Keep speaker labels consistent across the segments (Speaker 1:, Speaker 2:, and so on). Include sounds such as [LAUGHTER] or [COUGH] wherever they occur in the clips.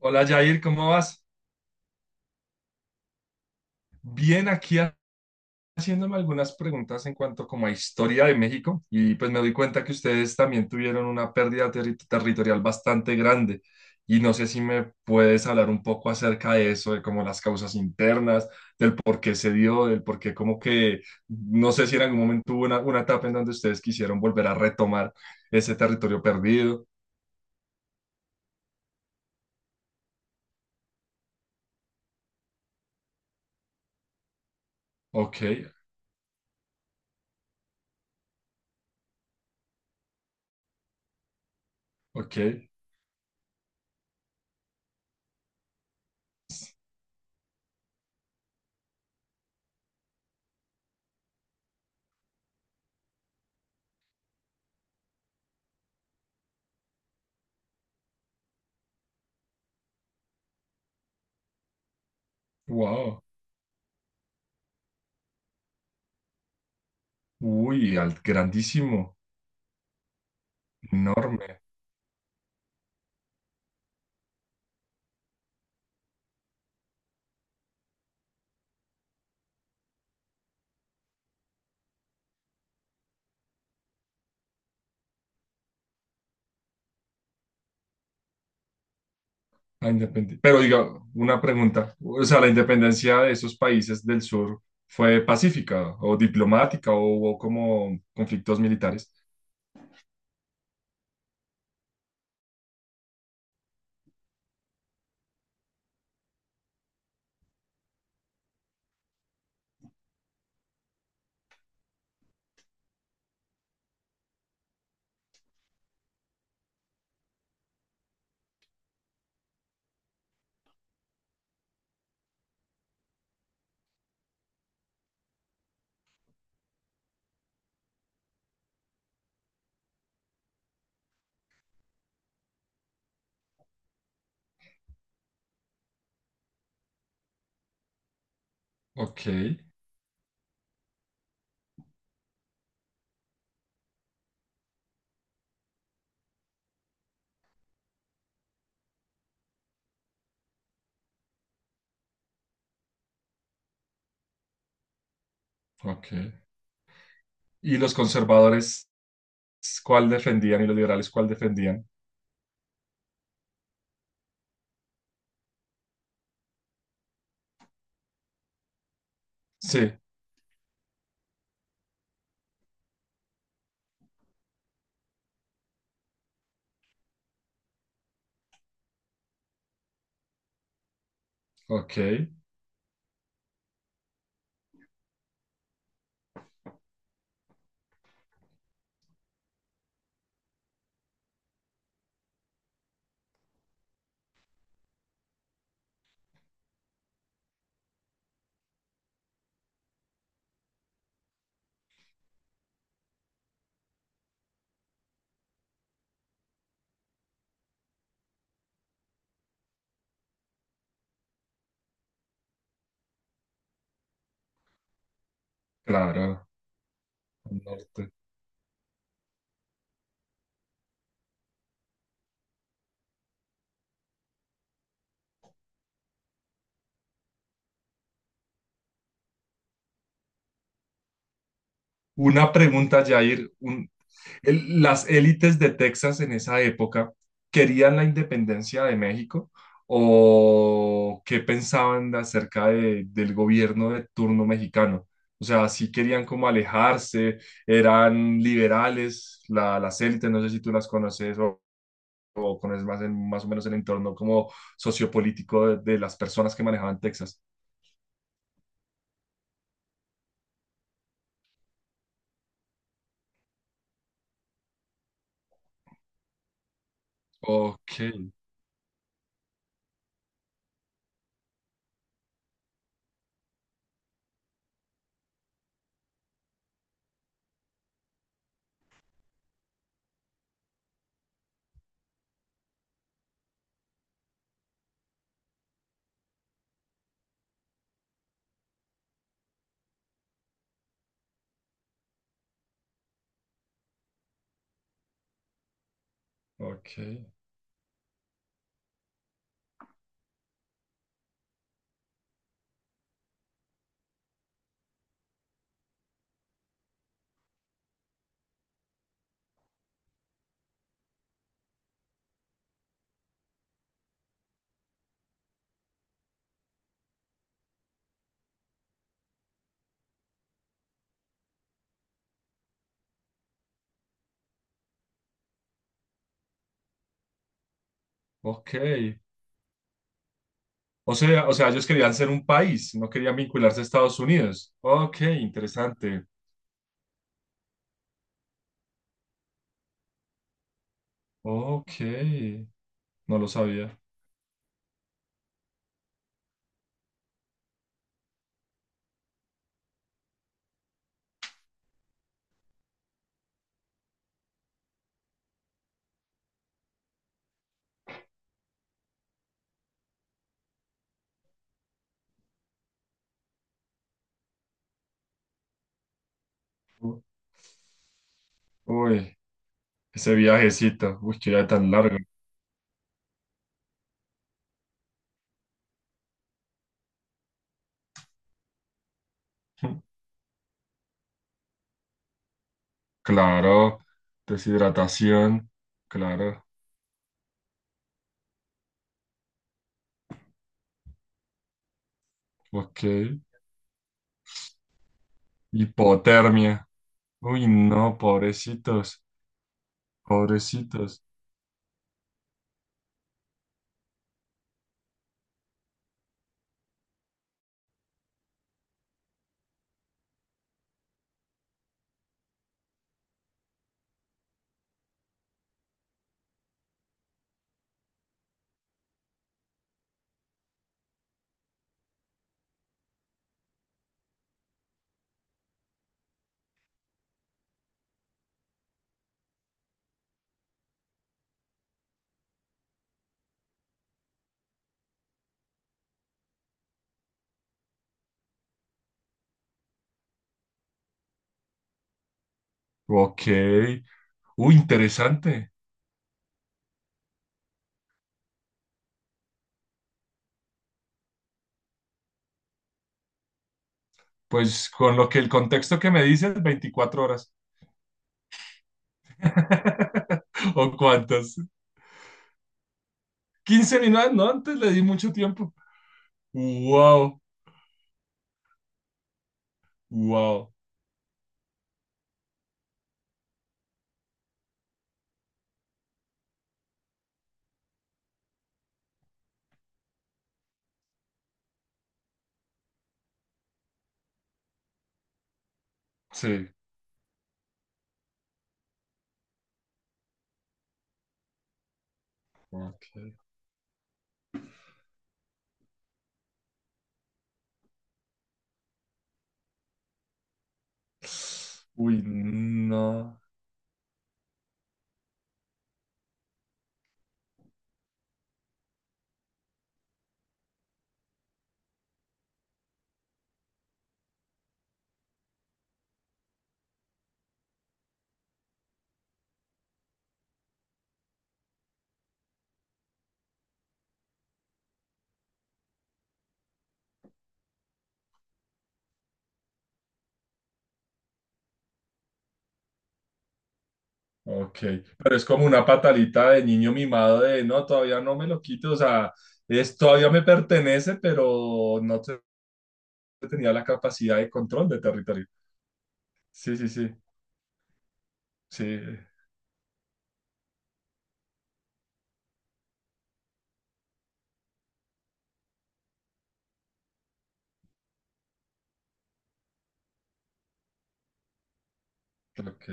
Speaker 1: Hola Jair, ¿cómo vas? Bien, aquí haciéndome algunas preguntas en cuanto como a historia de México y pues me doy cuenta que ustedes también tuvieron una pérdida territorial bastante grande y no sé si me puedes hablar un poco acerca de eso, de como las causas internas, del por qué se dio, del por qué como que no sé si en algún momento hubo una etapa en donde ustedes quisieron volver a retomar ese territorio perdido. Ok. Ok. Wow, uy, grandísimo, enorme. Pero diga, una pregunta. O sea, ¿la independencia de esos países del sur fue pacífica o diplomática o hubo como conflictos militares? Ok, ok. ¿Y los conservadores cuál defendían y los liberales cuál defendían? Sí, ok, claro. Al norte. Una pregunta, Jair. ¿Las élites de Texas en esa época querían la independencia de México o qué pensaban acerca del gobierno de turno mexicano? O sea, sí querían como alejarse, eran liberales, las élites, no sé si tú las conoces o conoces más, más o menos el entorno como sociopolítico de las personas que manejaban Texas. Ok, ok, ok. O sea, ellos querían ser un país, no querían vincularse a Estados Unidos. Ok, interesante. Ok, no lo sabía. U- Uy, ese viajecito, uy, qué viaje tan largo. [LAUGHS] Claro, deshidratación, claro, ok. Hipotermia. Uy, no, pobrecitos, pobrecitos. Ok, uy, interesante. Pues con lo que el contexto que me dices, 24 horas. [LAUGHS] ¿O cuántas? 15 minutos, no, antes le di mucho tiempo. Wow, wow, sí, ok. Uy, no, ok. Pero es como una patalita de niño mimado de, no, todavía no me lo quito, o sea, es, todavía me pertenece, pero no tenía la capacidad de control de territorio. Sí, sí, sí, sí, ok,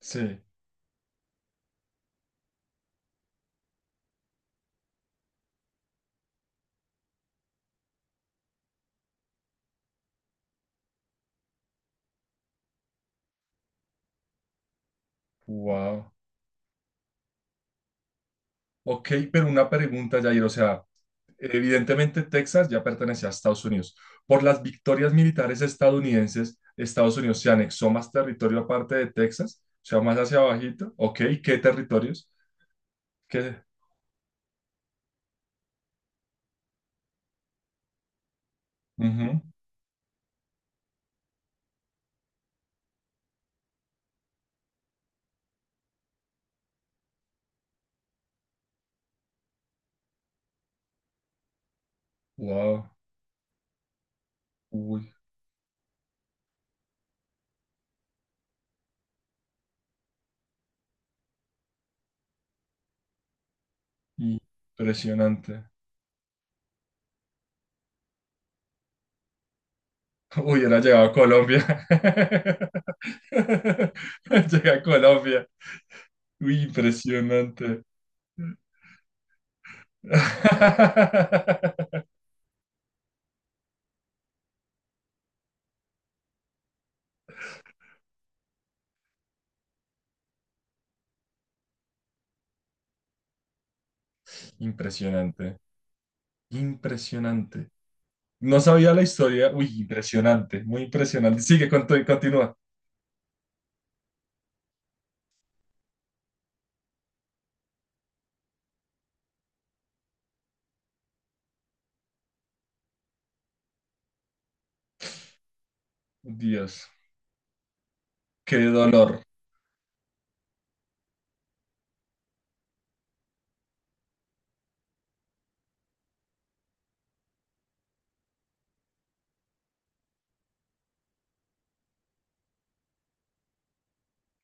Speaker 1: sí, wow. Ok, pero una pregunta, Jair, o sea, evidentemente Texas ya pertenecía a Estados Unidos. Por las victorias militares estadounidenses, Estados Unidos se anexó más territorio aparte de Texas, o sea, más hacia abajito. Ok, ¿qué territorios? ¿Qué? Ujú. Wow, uy, impresionante. [LAUGHS] Uy, era llegado a Colombia. [LAUGHS] Llegué a Colombia. Uy, impresionante. [LAUGHS] Impresionante. Impresionante. No sabía la historia. Uy, impresionante, muy impresionante. Sigue, continúa. Dios, qué dolor.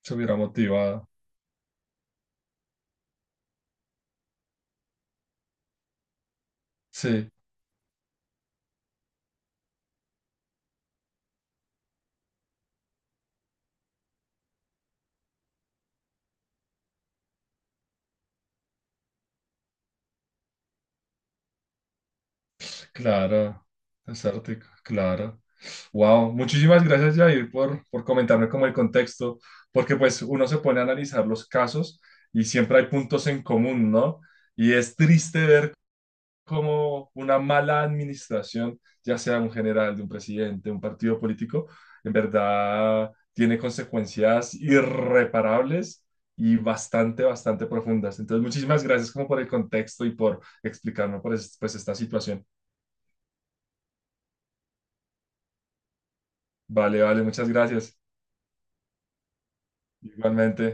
Speaker 1: Se hubiera motivado. Sí, claro. Desértico, claro. Wow, muchísimas gracias, Jair, por comentarme como el contexto, porque pues uno se pone a analizar los casos y siempre hay puntos en común, ¿no? Y es triste ver como una mala administración, ya sea de un general, de un presidente, un partido político, en verdad tiene consecuencias irreparables y bastante, bastante profundas. Entonces, muchísimas gracias como por el contexto y por explicarme por pues esta situación. Vale, vale, muchas gracias. Igualmente.